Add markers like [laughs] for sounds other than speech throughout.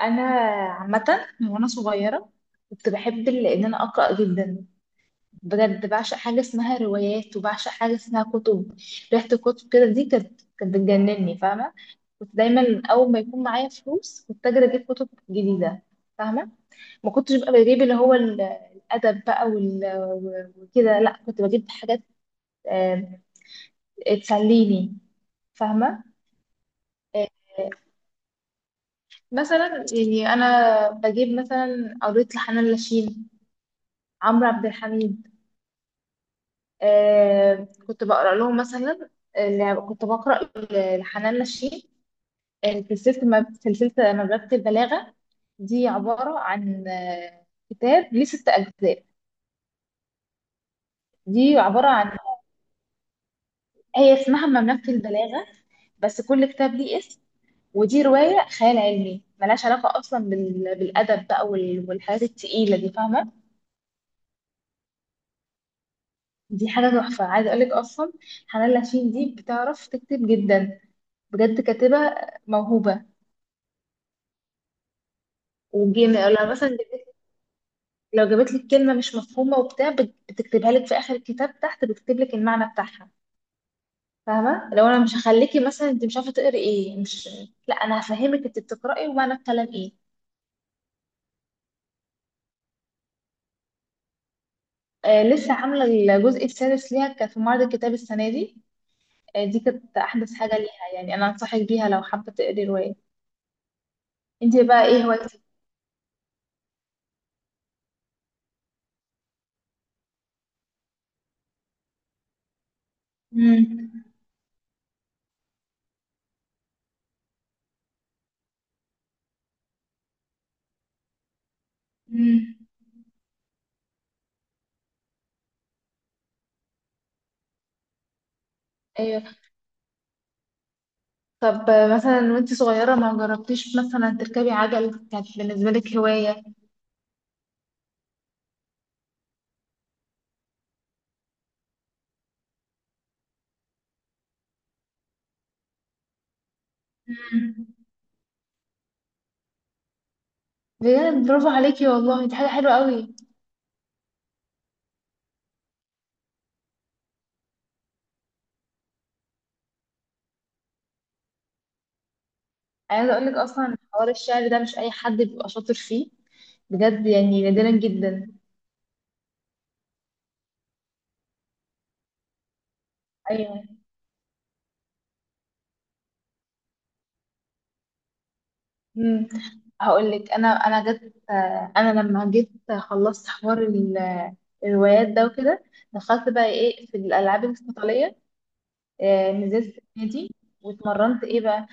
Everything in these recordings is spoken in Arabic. انا عامه، من وانا صغيره كنت بحب ان انا اقرا جدا. بجد بعشق حاجه اسمها روايات، وبعشق حاجه اسمها كتب. ريحه الكتب كده دي كانت بتجنني، فاهمه. كنت دايما اول ما يكون معايا فلوس كنت اجري اجيب كتب جديده، فاهمه. ما كنتش ببقى بجيب اللي هو الادب بقى وكده، لا كنت بجيب حاجات آه، تسليني، فاهمه. آه، مثلا يعني انا بجيب مثلا، قريت لحنان لاشين، عمرو عبد الحميد. كنت بقرا لهم مثلا. اللي كنت بقرا لحنان نشين، سلسله سلسله مملكه البلاغه. دي عباره عن كتاب ليه 6 اجزاء. دي عباره عن هي اسمها مملكه البلاغه، بس كل كتاب ليه اسم. ودي روايه خيال علمي ملهاش علاقه اصلا بالادب بقى والحاجات التقيله دي، فاهمه. دي حاجه تحفه، عايزه اقولك اصلا. حنان لاشين دي بتعرف تكتب جدا، بجد كاتبه موهوبه. والجيم لو جابت لك كلمه مش مفهومه وبتاع، بتكتبها لك في اخر الكتاب تحت، بتكتب لك المعنى بتاعها. فاهمه؟ لو انا مش هخليكي مثلا انت مش عارفه تقري ايه، مش، لا انا هفهمك انت بتقراي ومعنى الكلام ايه. لسه عامله الجزء السادس ليها، كان في معرض الكتاب السنه دي. دي كانت احدث حاجه ليها، يعني انا انصحك بيها لو حابه تقري روايه. انت بقى ايه هوايتك؟ امم. امم. ايوه. طب مثلا وانت صغيره ما جربتيش مثلا تركبي عجل؟ كانت بالنسبه لك هوايه؟ مم. بجد برافو عليكي والله، دي حاجة حلوة قوي. عايزة اقولك اصلا، حوار الشعر ده مش اي حد بيبقى شاطر فيه، بجد يعني نادرا جدا. ايوه. امم. هقولك، انا جت، انا لما جيت خلصت حوار الروايات ده وكده، دخلت بقى ايه في الالعاب القتالية. نزلت النادي واتمرنت ايه بقى.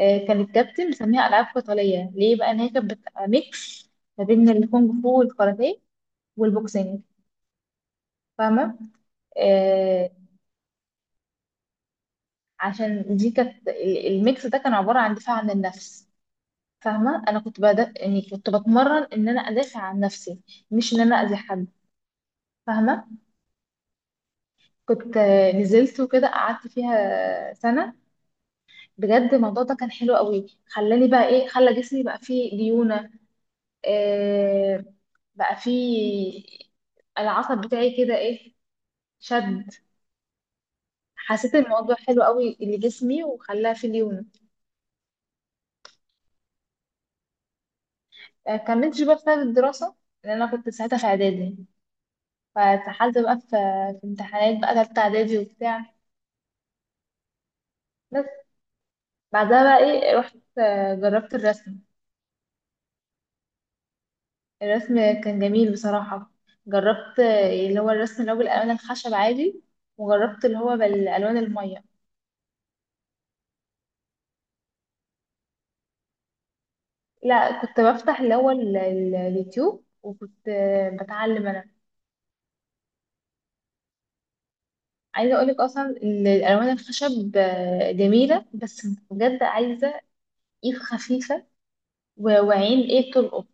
كان الكابتن مسميها العاب قتالية، ليه بقى؟ ان هي كانت بتبقى ميكس ما بين الكونغ فو والكاراتيه والبوكسينج، فاهمة؟ آه، عشان دي كانت الميكس ده كان عبارة عن دفاع عن النفس. فاهمة؟ أنا كنت بدأ، يعني كنت بتمرن إن أنا أدافع عن نفسي، مش إن أنا أذي حد، فاهمة؟ كنت نزلت وكده قعدت فيها سنة. بجد الموضوع ده كان حلو قوي، خلاني بقى إيه، خلى جسمي بقى فيه ليونة. آه بقى فيه العصب بتاعي كده إيه، شد. حسيت الموضوع حلو قوي لجسمي وخلاه فيه ليونة. كملتش بقى بسبب الدراسة، لأن أنا كنت ساعتها في إعدادي، فاتسحلت بقى في امتحانات بقى تالتة إعدادي وبتاع. بس بعدها بقى إيه، رحت جربت الرسم. الرسم كان جميل بصراحة. جربت اللي هو الرسم اللي هو بالألوان الخشب عادي، وجربت اللي هو بالألوان المية. لا، كنت بفتح اللي هو اليوتيوب وكنت بتعلم أنا. عايزة أقولك أصلا، الألوان الخشب جميلة، بس بجد عايزة إيد خفيفة وعين إيه، تلقط.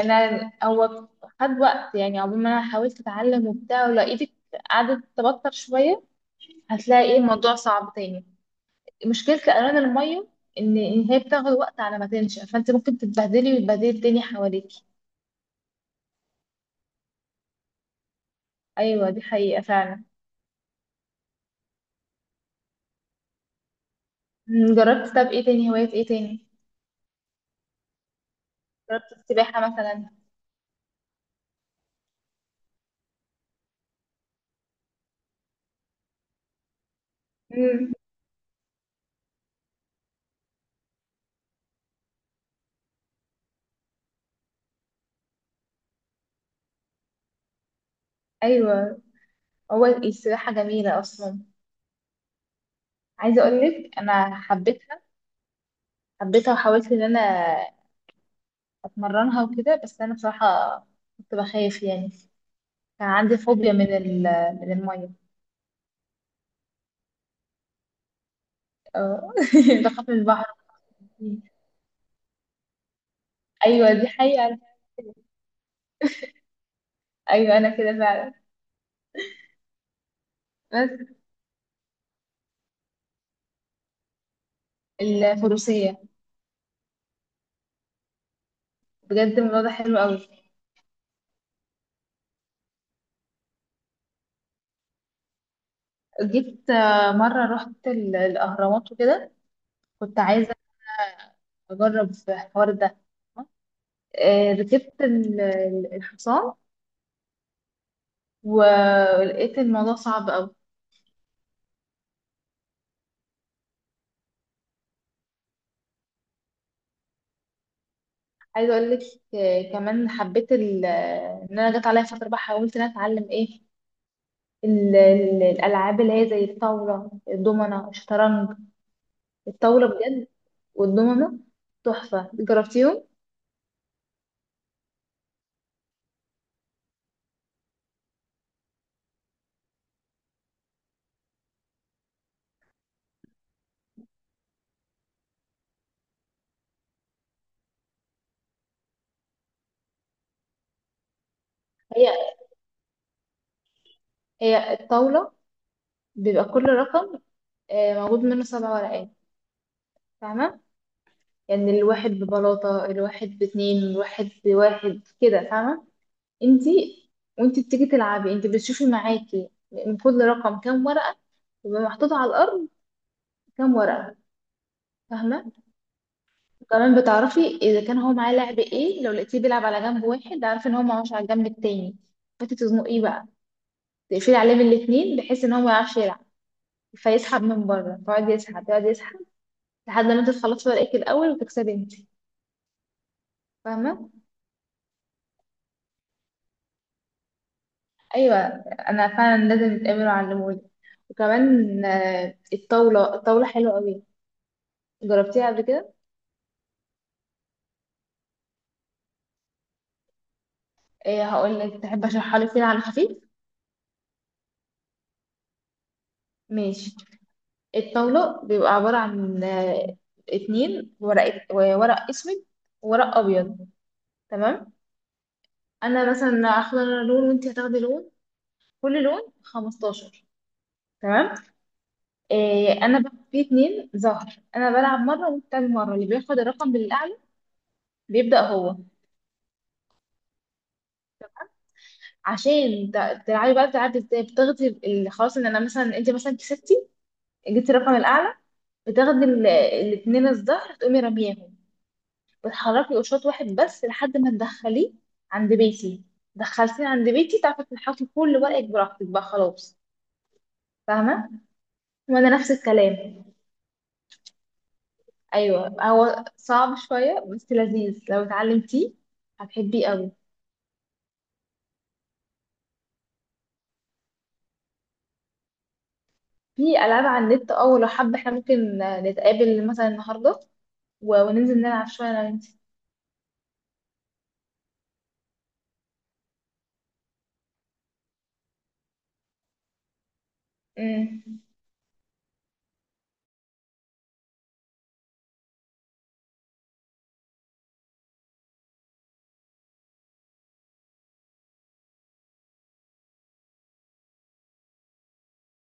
انا هو خد وقت، يعني عقبال ما انا حاولت اتعلم وبتاع، ولو ايدك قعدت تبطر شويه هتلاقي ايه، الموضوع صعب تاني. مشكله الالوان الميه إن هي بتاخد وقت على ما تنشف، فانت ممكن تتبهدلي وتبهدلي الدنيا حواليكي. ايوه دي حقيقه فعلا. جربت، طب ايه تاني هوايات، ايه تاني؟ جربت السباحه مثلا. امم. ايوه. هو السباحه جميله اصلا، عايزه اقول لك انا حبيتها. حبيتها وحاولت ان انا اتمرنها وكده، بس انا بصراحه كنت بخاف يعني، كان عندي فوبيا من المية. اه، [laughs] بخاف من البحر. ايوه دي حقيقة أنا كده. ايوه انا كده فعلا. بس الفروسية، بجد الموضوع ده حلو قوي. جيت مرة رحت الاهرامات وكده، كنت عايزة اجرب في الحوار ده. ركبت الحصان، ولقيت الموضوع صعب قوي. عايزه اقول لك كمان حبيت ان انا جت عليا فتره بقى حاولت ان انا اتعلم ايه، الألعاب اللي هي زي الطاولة، الدومنة، الشطرنج. الطاولة بجد، والدومنة تحفة. جربتيهم؟ هي هي الطاولة بيبقى كل رقم موجود منه 7 ورقات، فاهمة؟ يعني الواحد ببلاطة، الواحد باتنين، الواحد بواحد كده، فاهمة؟ انتي وانتي بتيجي تلعبي انتي بتشوفي معاكي من كل رقم كام ورقة، يبقى محطوط على الأرض كام ورقة، فاهمة؟ كمان بتعرفي اذا كان هو معاه لعب ايه، لو لقيتيه بيلعب على جنب واحد، عارفه ان هو معهوش على الجنب التاني، فتي تزنقيه بقى، تقفلي عليه من الاتنين بحيث ان هو ما يعرفش يلعب، فيسحب من بره، فيقعد يسحب، يقعد يسحب، لحد ما انت تخلصي ورقك الاول وتكسبي انت، فاهمه؟ ايوه. انا فعلا لازم نتقابل وعلمولي. وكمان الطاوله حلوه قوي، جربتيها قبل كده؟ ايه، هقول لك، تحب اشرحها لك كده على خفيف؟ ماشي. الطاولة بيبقى عبارة عن اتنين ورق اسود وورق ابيض، تمام؟ انا مثلا هاخد انا لون، وانت هتاخدي لون، كل لون 15، تمام. إيه، انا بقى في اتنين ظهر، انا بلعب مره وانت بتلعب مره، اللي بياخد الرقم بالاعلى بيبدا هو. عشان تلعبي بقى بتلعبي ازاي، بتاخدي خلاص ان انا مثلا انت مثلا كسبتي، جبتي الرقم الاعلى، بتاخدي الاتنين الظهر تقومي رميهم، بتحركي قشاط واحد بس لحد ما تدخليه عند بيتي. دخلتيه عند بيتي تعرفي تنحطي كل ورقك براحتك بقى، خلاص، فاهمة؟ وانا نفس الكلام. ايوه، هو صعب شوية، بس لذيذ، لو اتعلمتيه هتحبيه قوي. في العاب على النت، اه، لو حابة احنا ممكن نتقابل مثلا النهاردة وننزل نلعب شوية انا وانتي. أمم.